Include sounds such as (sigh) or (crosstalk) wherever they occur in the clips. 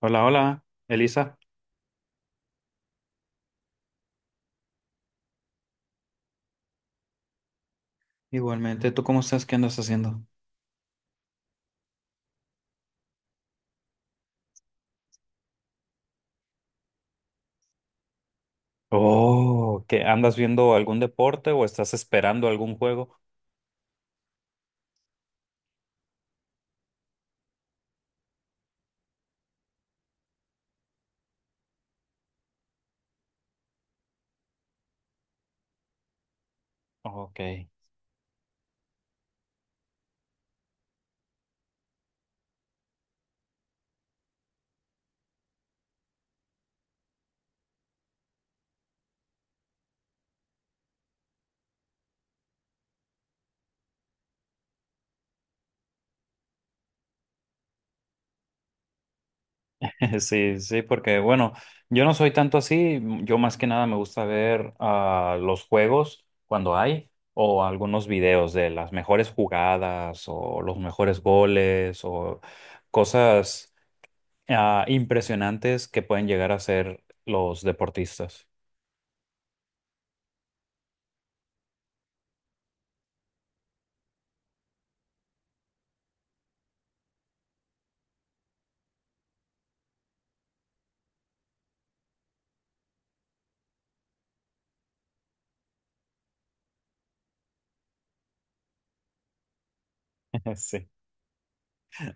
Hola, hola, Elisa. Igualmente, ¿tú cómo estás? ¿Qué andas haciendo? Oh, ¿qué andas viendo algún deporte o estás esperando algún juego? Ok. (laughs) Sí, sí, porque bueno, yo no soy tanto así, yo más que nada me gusta ver los juegos cuando hay o algunos videos de las mejores jugadas o los mejores goles o cosas impresionantes que pueden llegar a ser los deportistas. (laughs) Sí.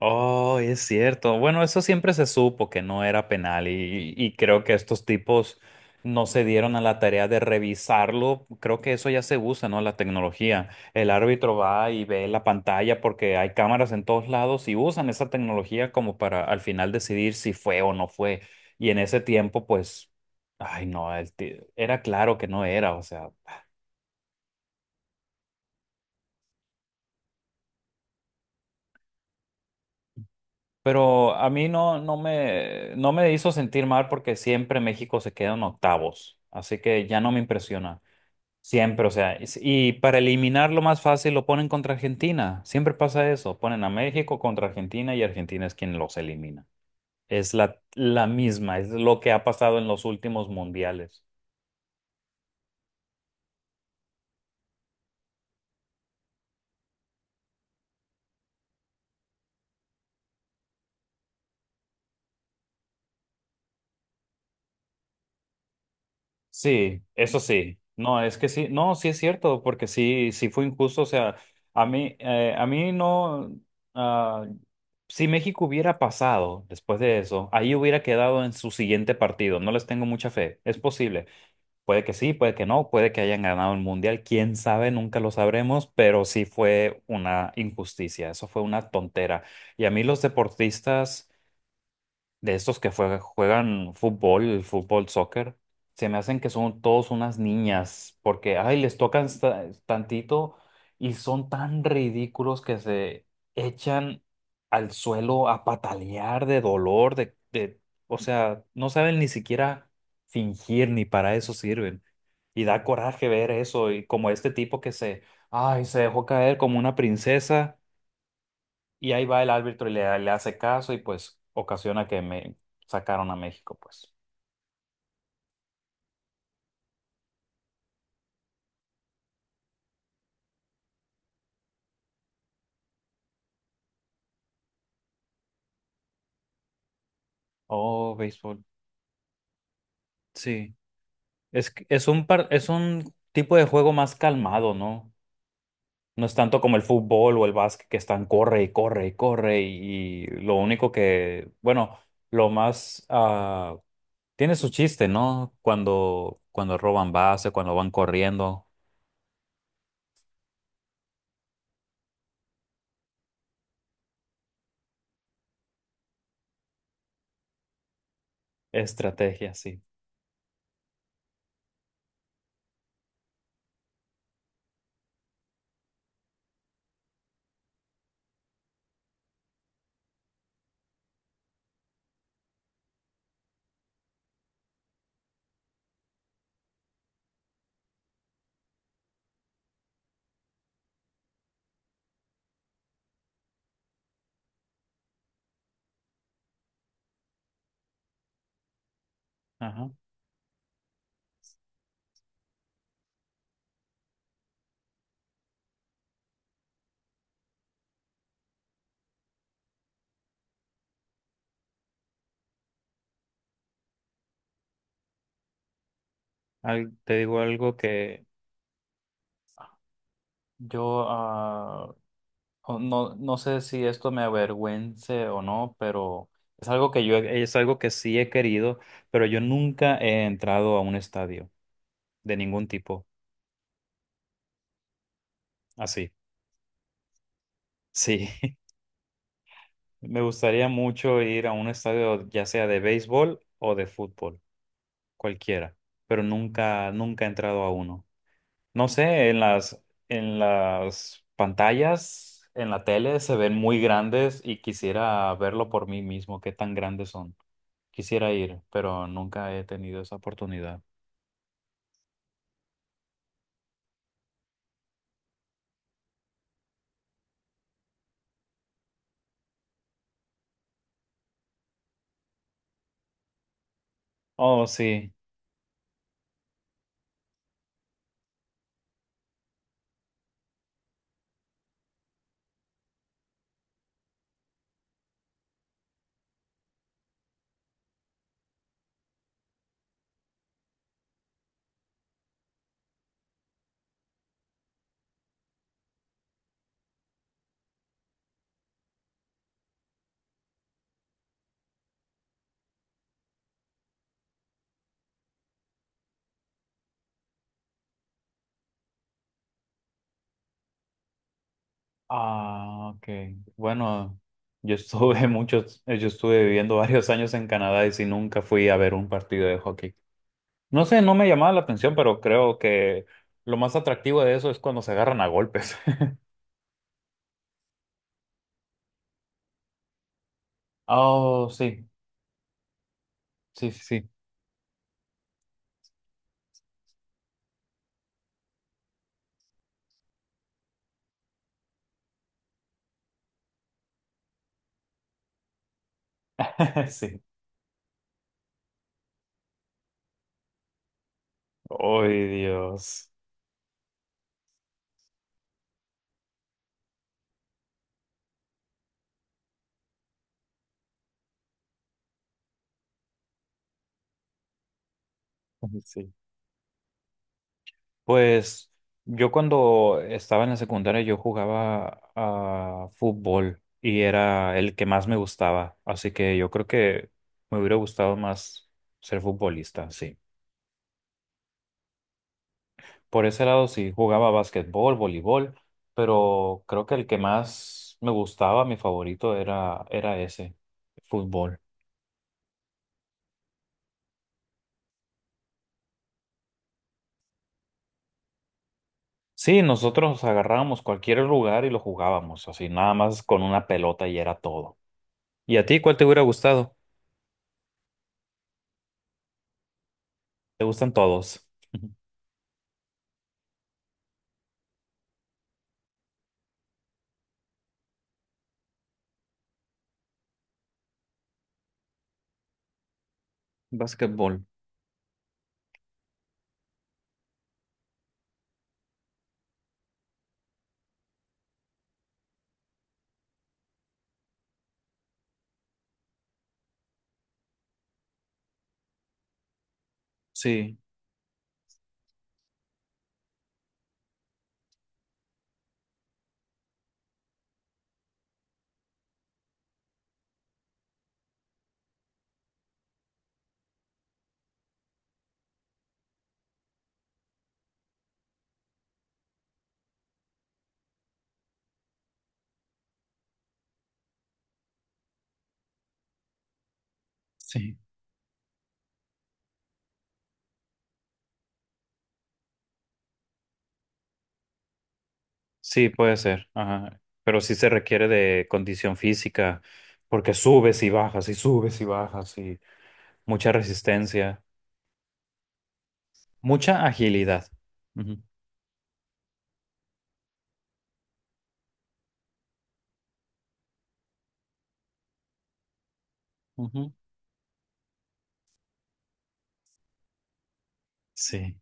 Oh, es cierto. Bueno, eso siempre se supo que no era penal y creo que estos tipos no se dieron a la tarea de revisarlo. Creo que eso ya se usa, ¿no? La tecnología. El árbitro va y ve la pantalla porque hay cámaras en todos lados y usan esa tecnología como para al final decidir si fue o no fue. Y en ese tiempo, pues, ay, no, era claro que no era, o sea. Pero a mí no me hizo sentir mal porque siempre México se queda en octavos, así que ya no me impresiona. Siempre, o sea, es- y para eliminarlo más fácil lo ponen contra Argentina. Siempre pasa eso, ponen a México contra Argentina y Argentina es quien los elimina. Es la misma, es lo que ha pasado en los últimos mundiales. Sí, eso sí. No, es que sí, no, sí es cierto, porque sí, sí fue injusto. O sea, a mí no, ah, si México hubiera pasado después de eso, ahí hubiera quedado en su siguiente partido. No les tengo mucha fe. Es posible. Puede que sí, puede que no, puede que hayan ganado el mundial. Quién sabe, nunca lo sabremos, pero sí fue una injusticia. Eso fue una tontera. Y a mí los deportistas de estos juegan fútbol, fútbol, soccer, se me hacen que son todos unas niñas, porque, ay, les tocan tantito y son tan ridículos que se echan al suelo a patalear de dolor, o sea, no saben ni siquiera fingir, ni para eso sirven. Y da coraje ver eso, y como este tipo que se, ay, se dejó caer como una princesa y ahí va el árbitro y le hace caso y pues ocasiona que me sacaron a México, pues. Oh, béisbol. Sí. Es, que- es un par- Es un tipo de juego más calmado, ¿no? No es tanto como el fútbol o el básquet que están corre y corre y corre y lo único que, bueno, lo más tiene su chiste, ¿no? Cuando, cuando roban base, cuando van corriendo. Estrategia, sí. Ajá. Te digo algo que yo o no, no sé si esto me avergüence o no, pero es algo que es algo que sí he querido, pero yo nunca he entrado a un estadio de ningún tipo. Así. Sí, (laughs) me gustaría mucho ir a un estadio, ya sea de béisbol o de fútbol, cualquiera, pero nunca, nunca he entrado a uno. No sé, en en las pantallas, en la tele se ven muy grandes y quisiera verlo por mí mismo, qué tan grandes son. Quisiera ir, pero nunca he tenido esa oportunidad. Oh, sí. Ah, ok. Bueno, yo estuve (laughs) yo estuve viviendo varios años en Canadá y sí nunca fui a ver un partido de hockey. No sé, no me llamaba la atención, pero creo que lo más atractivo de eso es cuando se agarran a golpes. (laughs) Oh, sí, sí, sí. (laughs) Sí. Ay, Dios. Ay, sí. Pues yo cuando estaba en la secundaria yo jugaba a fútbol y era el que más me gustaba, así que yo creo que me hubiera gustado más ser futbolista, sí. Por ese lado sí, jugaba básquetbol, voleibol, pero creo que el que más me gustaba, mi favorito era ese, fútbol. Sí, nosotros agarrábamos cualquier lugar y lo jugábamos, así nada más con una pelota y era todo. ¿Y a ti cuál te hubiera gustado? ¿Te gustan todos? (laughs) Básquetbol, sí, sí. Sí, puede ser. Ajá. Pero sí se requiere de condición física, porque subes y bajas y subes y bajas y mucha resistencia, mucha agilidad. Ujú. Ujú. Sí.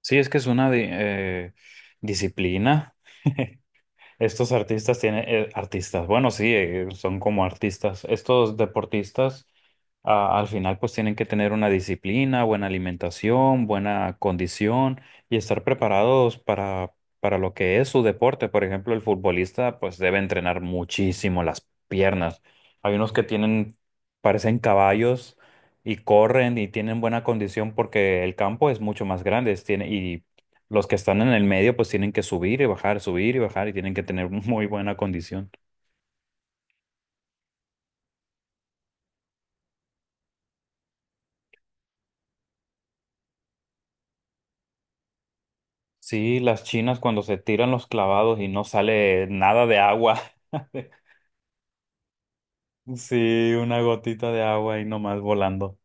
Sí, es que es una disciplina. (laughs) Estos artistas tienen, artistas, bueno, sí, son como artistas. Estos deportistas, ah, al final, pues tienen que tener una disciplina, buena alimentación, buena condición y estar preparados para lo que es su deporte. Por ejemplo, el futbolista, pues debe entrenar muchísimo las piernas. Hay unos que tienen, parecen caballos y corren y tienen buena condición porque el campo es mucho más grande, tiene, y los que están en el medio pues tienen que subir y bajar y tienen que tener (laughs) muy buena condición. Sí, las chinas cuando se tiran los clavados y no sale nada de agua. (laughs) Sí, una gotita de agua y nomás volando.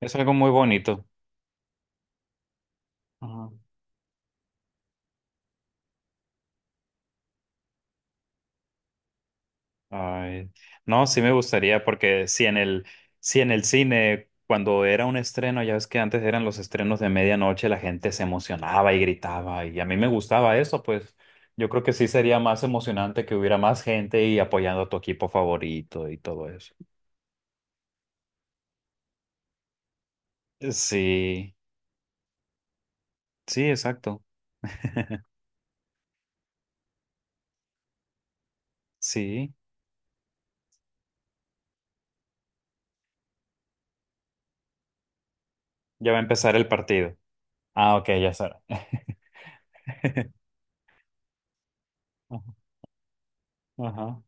Es algo muy bonito. Ajá. Ay, no, sí me gustaría porque si en el cine, cuando era un estreno, ya ves que antes eran los estrenos de medianoche, la gente se emocionaba y gritaba y a mí me gustaba eso, pues yo creo que sí sería más emocionante que hubiera más gente y apoyando a tu equipo favorito y todo eso. Sí, sí, exacto. Sí, ya va a empezar el partido. Ah, ok, ya será. (laughs) Ajá, ajá,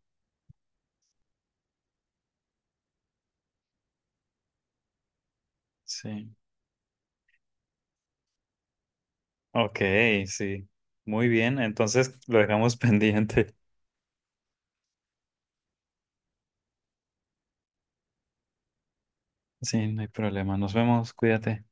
sí. Ok, sí. Muy bien, entonces lo dejamos (laughs) pendiente. Sí, no hay problema. Nos vemos, cuídate.